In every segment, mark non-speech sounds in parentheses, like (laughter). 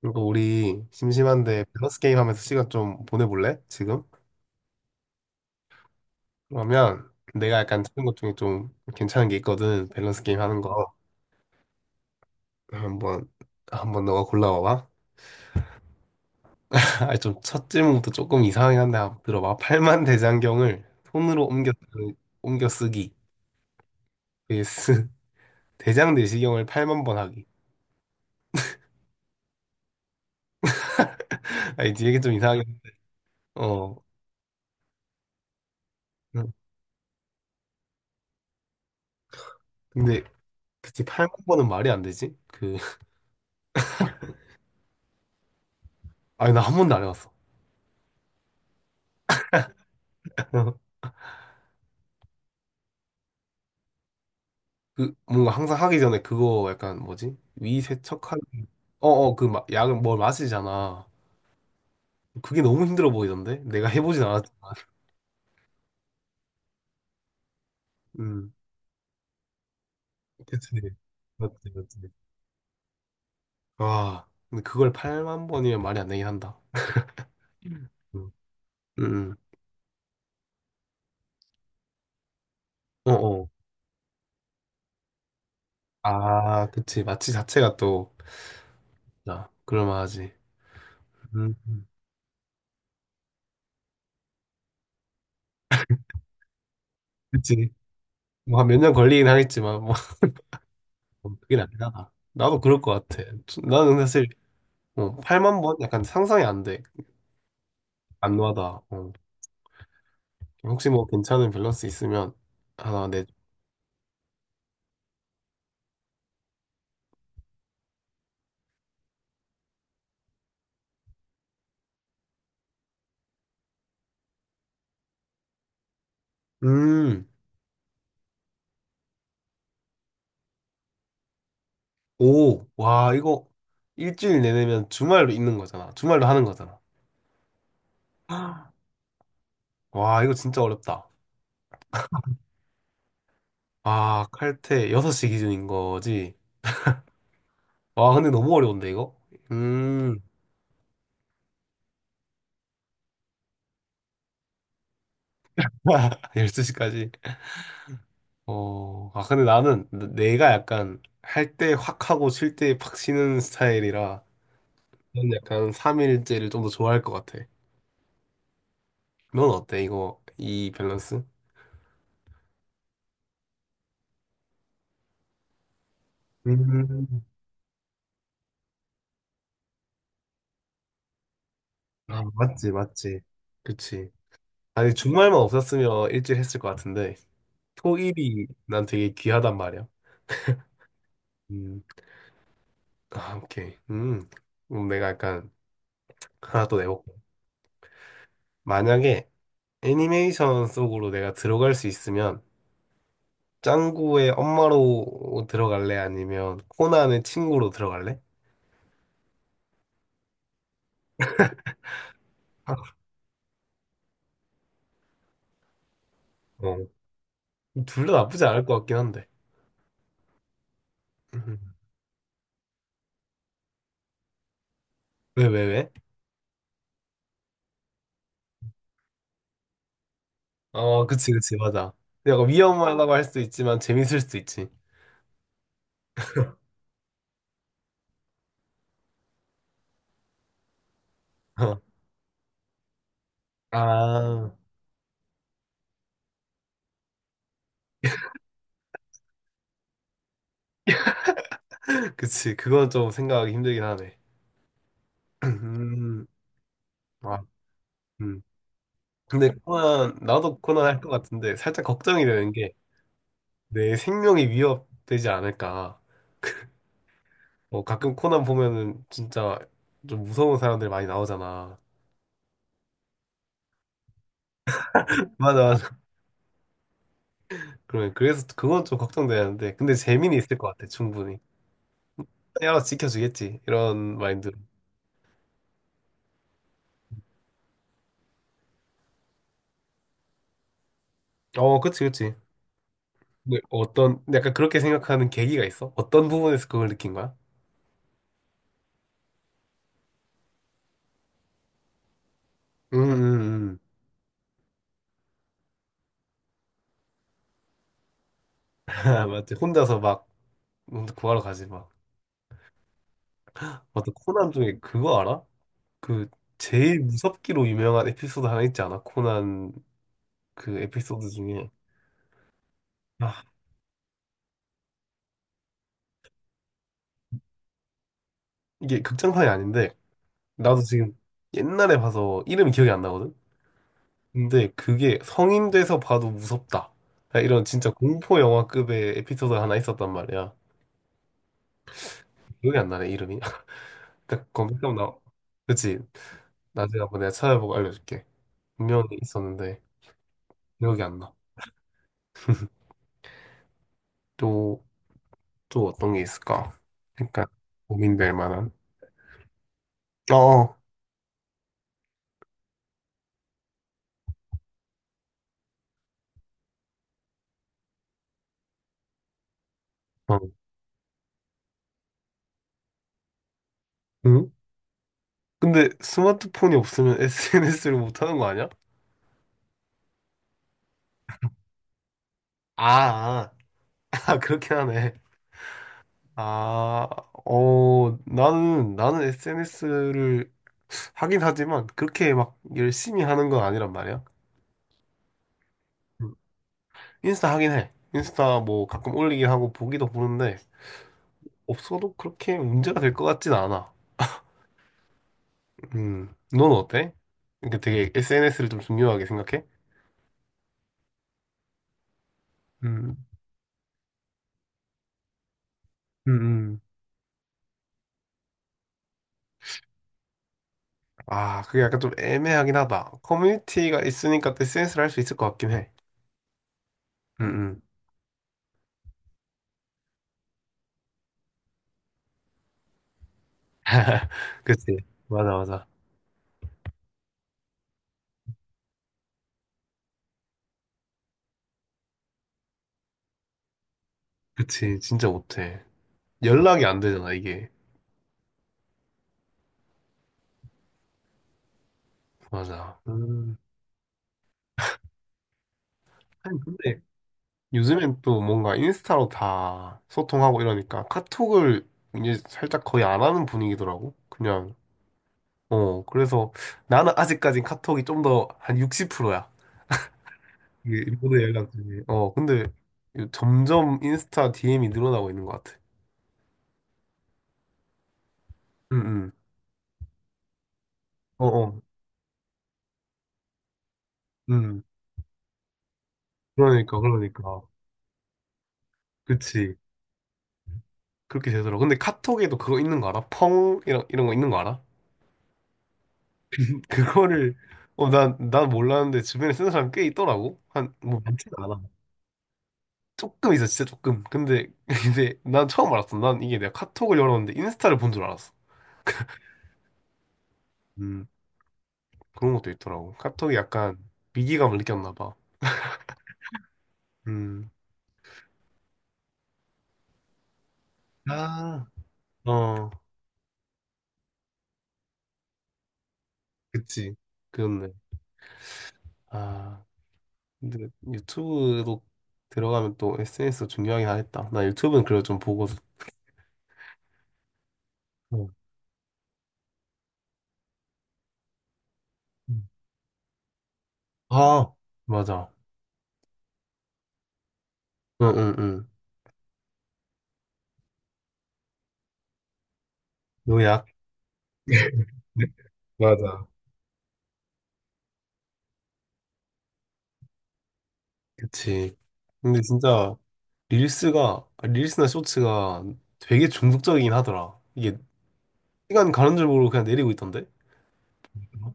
그리고 우리 심심한데 밸런스 게임 하면서 시간 좀 보내볼래? 지금? 그러면 내가 약간 찾은 것 중에 좀 괜찮은 게 있거든. 밸런스 게임 하는 거. 한번, 한번 너가 골라봐봐. (laughs) 아, 좀 첫 질문부터 조금 이상하긴 한데 한번 들어봐. 팔만 대장경을 손으로 옮겨 쓰기. vs (laughs) 대장 내시경을 8만 번 하기. (laughs) 아, 이제 이게 좀 이상하긴, 어. 응. 근데, 그치, 8만 번은 말이 안 되지? (laughs) 아니, 나 한 번도 안 해봤어. (laughs) 그 뭔가 항상 하기 전에 그거 약간 뭐지? 위 세척하는 어어, 그 막 약을 뭘 마시잖아. 그게 너무 힘들어 보이던데? 내가 해보진 않았지만. (laughs) 음. 그치. 맞지, 맞지. 와, 근데 그걸 8만 번이면 말이 안 되긴 한다. 음. 음. 음. 어어. 아, 그치. 마취 자체가 또, 자, 그럴만하지. 음. 음. 그치. 뭐 한 몇 년 걸리긴 하겠지만, 뭐, (laughs) 그게 아니라. 나도 그럴 것 같아. 나는 사실, 8만 번? 약간 상상이 안 돼. 안와다. 어. 혹시 뭐 괜찮은 밸런스 있으면 하나 내. 음, 오, 와, 이거 일주일 내내면 주말도 있는 거잖아. 주말도 하는 거잖아. (gasps) 아. 와, 이거 진짜 어렵다. 아, 칼퇴 6시 기준인 거지. 와, 근데 너무 어려운데, 이거? 음, (laughs) 12시까지. 근데 나는 내가 약간 할 때 확 하고 쉴 때 팍 쉬는 스타일이라 난 약간 3일째를 좀 더 좋아할 것 같아. 넌 어때, 이거, 이 밸런스? 음, 맞지, 맞지. 그치. 아니, 주말만 없었으면 일찍 했을 것 같은데, 토일이 난 되게 귀하단 말이야. 음, 아, 오케이. 그럼 내가 약간 하나 또 내볼게. 만약에 애니메이션 속으로 내가 들어갈 수 있으면, 짱구의 엄마로 들어갈래? 아니면 코난의 친구로 들어갈래? 아, 어, 둘 다 나쁘지 않을 것 같긴 한데. (laughs) 음. 왜, 왜, 왜? 어, 그치, 그치, 맞아. 약간 위험하다고 할 수도 있지만, 재밌을 수도 있지. (laughs) 아, 그치. 그건 좀 생각하기 힘들긴 하네. (clears throat) 음, 아, 음. 근데 코난, 나도 코난 할 것 같은데 살짝 걱정이 되는 게 내 생명이 위협되지 않을까. 뭐 가끔 코난 보면은 진짜 좀 무서운 사람들 많이 나오잖아. (laughs) 맞아, 맞아. 그러면 그래서 그건 좀 걱정되는데. 근데 재미는 있을 것 같아, 충분히. 야, 알아서 지켜주겠지. 이런 마인드로. 어, 그치, 그치. 근데 어떤, 약간 그렇게 생각하는 계기가 있어? 어떤 부분에서 그걸 느낀 거야? 음, 음, 음. (laughs) 맞지. 혼자서 막 구하러 가지 막. 맞다. 코난 중에 그거 알아? 그 제일 무섭기로 유명한 에피소드 하나 있지 않아? 코난 그 에피소드 중에 아, 이게 극장판이 아닌데 나도 지금 옛날에 봐서 이름이 기억이 안 나거든. 근데 그게 성인 돼서 봐도 무섭다. 야, 이런 진짜 공포 영화급의 에피소드가 하나 있었단 말이야. 기억이 안 나네 이름이. (laughs) 딱 검색하면 나. 그치? 나중에 한번 내가 찾아보고 알려줄게. 분명히 있었는데 기억이 안 나. 또 또 어떤 게 있을까? 그러니까 고민될 만한. 어, 어. 어. 응? 근데 스마트폰이 없으면 (laughs) SNS를 못 하는 거 아니야? 아, 아, (laughs) 그렇긴 하네. 아, 나는 SNS를 하긴 하지만 그렇게 막 열심히 하는 건 아니란 말이야. 음. 인스타 하긴 해. 인스타 뭐 가끔 올리긴 하고 보기도 보는데 없어도 그렇게 문제가 될 것 같진 않아. 넌 어때? 그러니까 되게 SNS를 좀 중요하게 생각해? 음. 음, 음. 아, 그게 약간 좀 애매하긴 하다. 커뮤니티가 있으니까 또 SNS를 할 수 있을 것 같긴 해. 응응 (laughs) 그치. 맞아, 맞아. 그치. 진짜 못해. 연락이 안 되잖아, 이게. 맞아. 음. 아니, 근데 요즘엔 또 뭔가 인스타로 다 소통하고 이러니까 카톡을 이제 살짝 거의 안 하는 분위기더라고. 그냥. 그래서 나는 아직까진 카톡이 좀 더 한 60%야. 이게 인터넷 연락들이. 근데 이거 점점 인스타 DM이 늘어나고 있는 것 같아. 응, 응. 어, 어. 응. 그러니까, 그러니까. 그치. 그렇게 되더라. 근데 카톡에도 그거 있는 거 알아? 펑? 이런, 이런 거 있는 거 알아? (laughs) 그거를, 난 몰랐는데 주변에 쓰는 사람 꽤 있더라고. 한, 뭐, 많지는 않아. 조금 있어, 진짜 조금. 근데 (laughs) 이제 난 처음 알았어. 난 이게 내가 카톡을 열었는데 인스타를 본 줄 알았어. 음, 그런 것도 있더라고. 카톡이 약간 위기감을 느꼈나 봐. 음. 아. 어. 그치. 그렇네. 아, 근데 유튜브로 들어가면 또 SNS 중요하긴 하겠다. 나 유튜브는 그래도 좀 보고. 응. 응. 아, 맞아. 응, 응, 응. 요약. 네? (laughs) 맞아. 그치. 근데 진짜 릴스나 쇼츠가 되게 중독적이긴 하더라. 이게 시간 가는 줄 모르고 그냥 내리고 있던데? 어?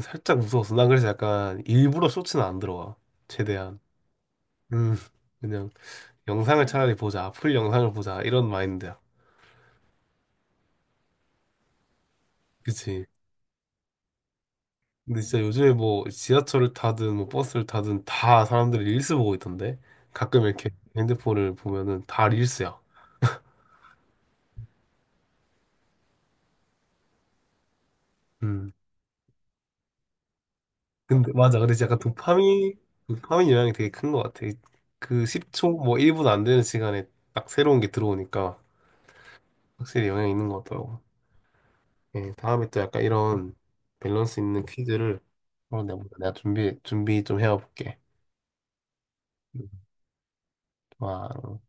살짝 무서웠어. 난 그래서 약간 일부러 쇼츠는 안 들어가. 최대한. 음, 그냥. 영상을 차라리 보자. 풀 영상을 보자. 이런 마인드야. 그치? 근데 진짜 요즘에 뭐 지하철을 타든 뭐 버스를 타든 다 사람들이 릴스 보고 있던데? 가끔 이렇게 핸드폰을 보면은 다 릴스야. 음. 근데 맞아. 근데 진짜 약간 도파민 영향이 되게 큰 것 같아. 그 10초, 뭐 1분 안 되는 시간에 딱 새로운 게 들어오니까 확실히 영향이 있는 것 같더라고. 예, 다음에 또 약간 이런 밸런스 있는 퀴즈를 한번 내가 준비 좀 해와볼게. 와.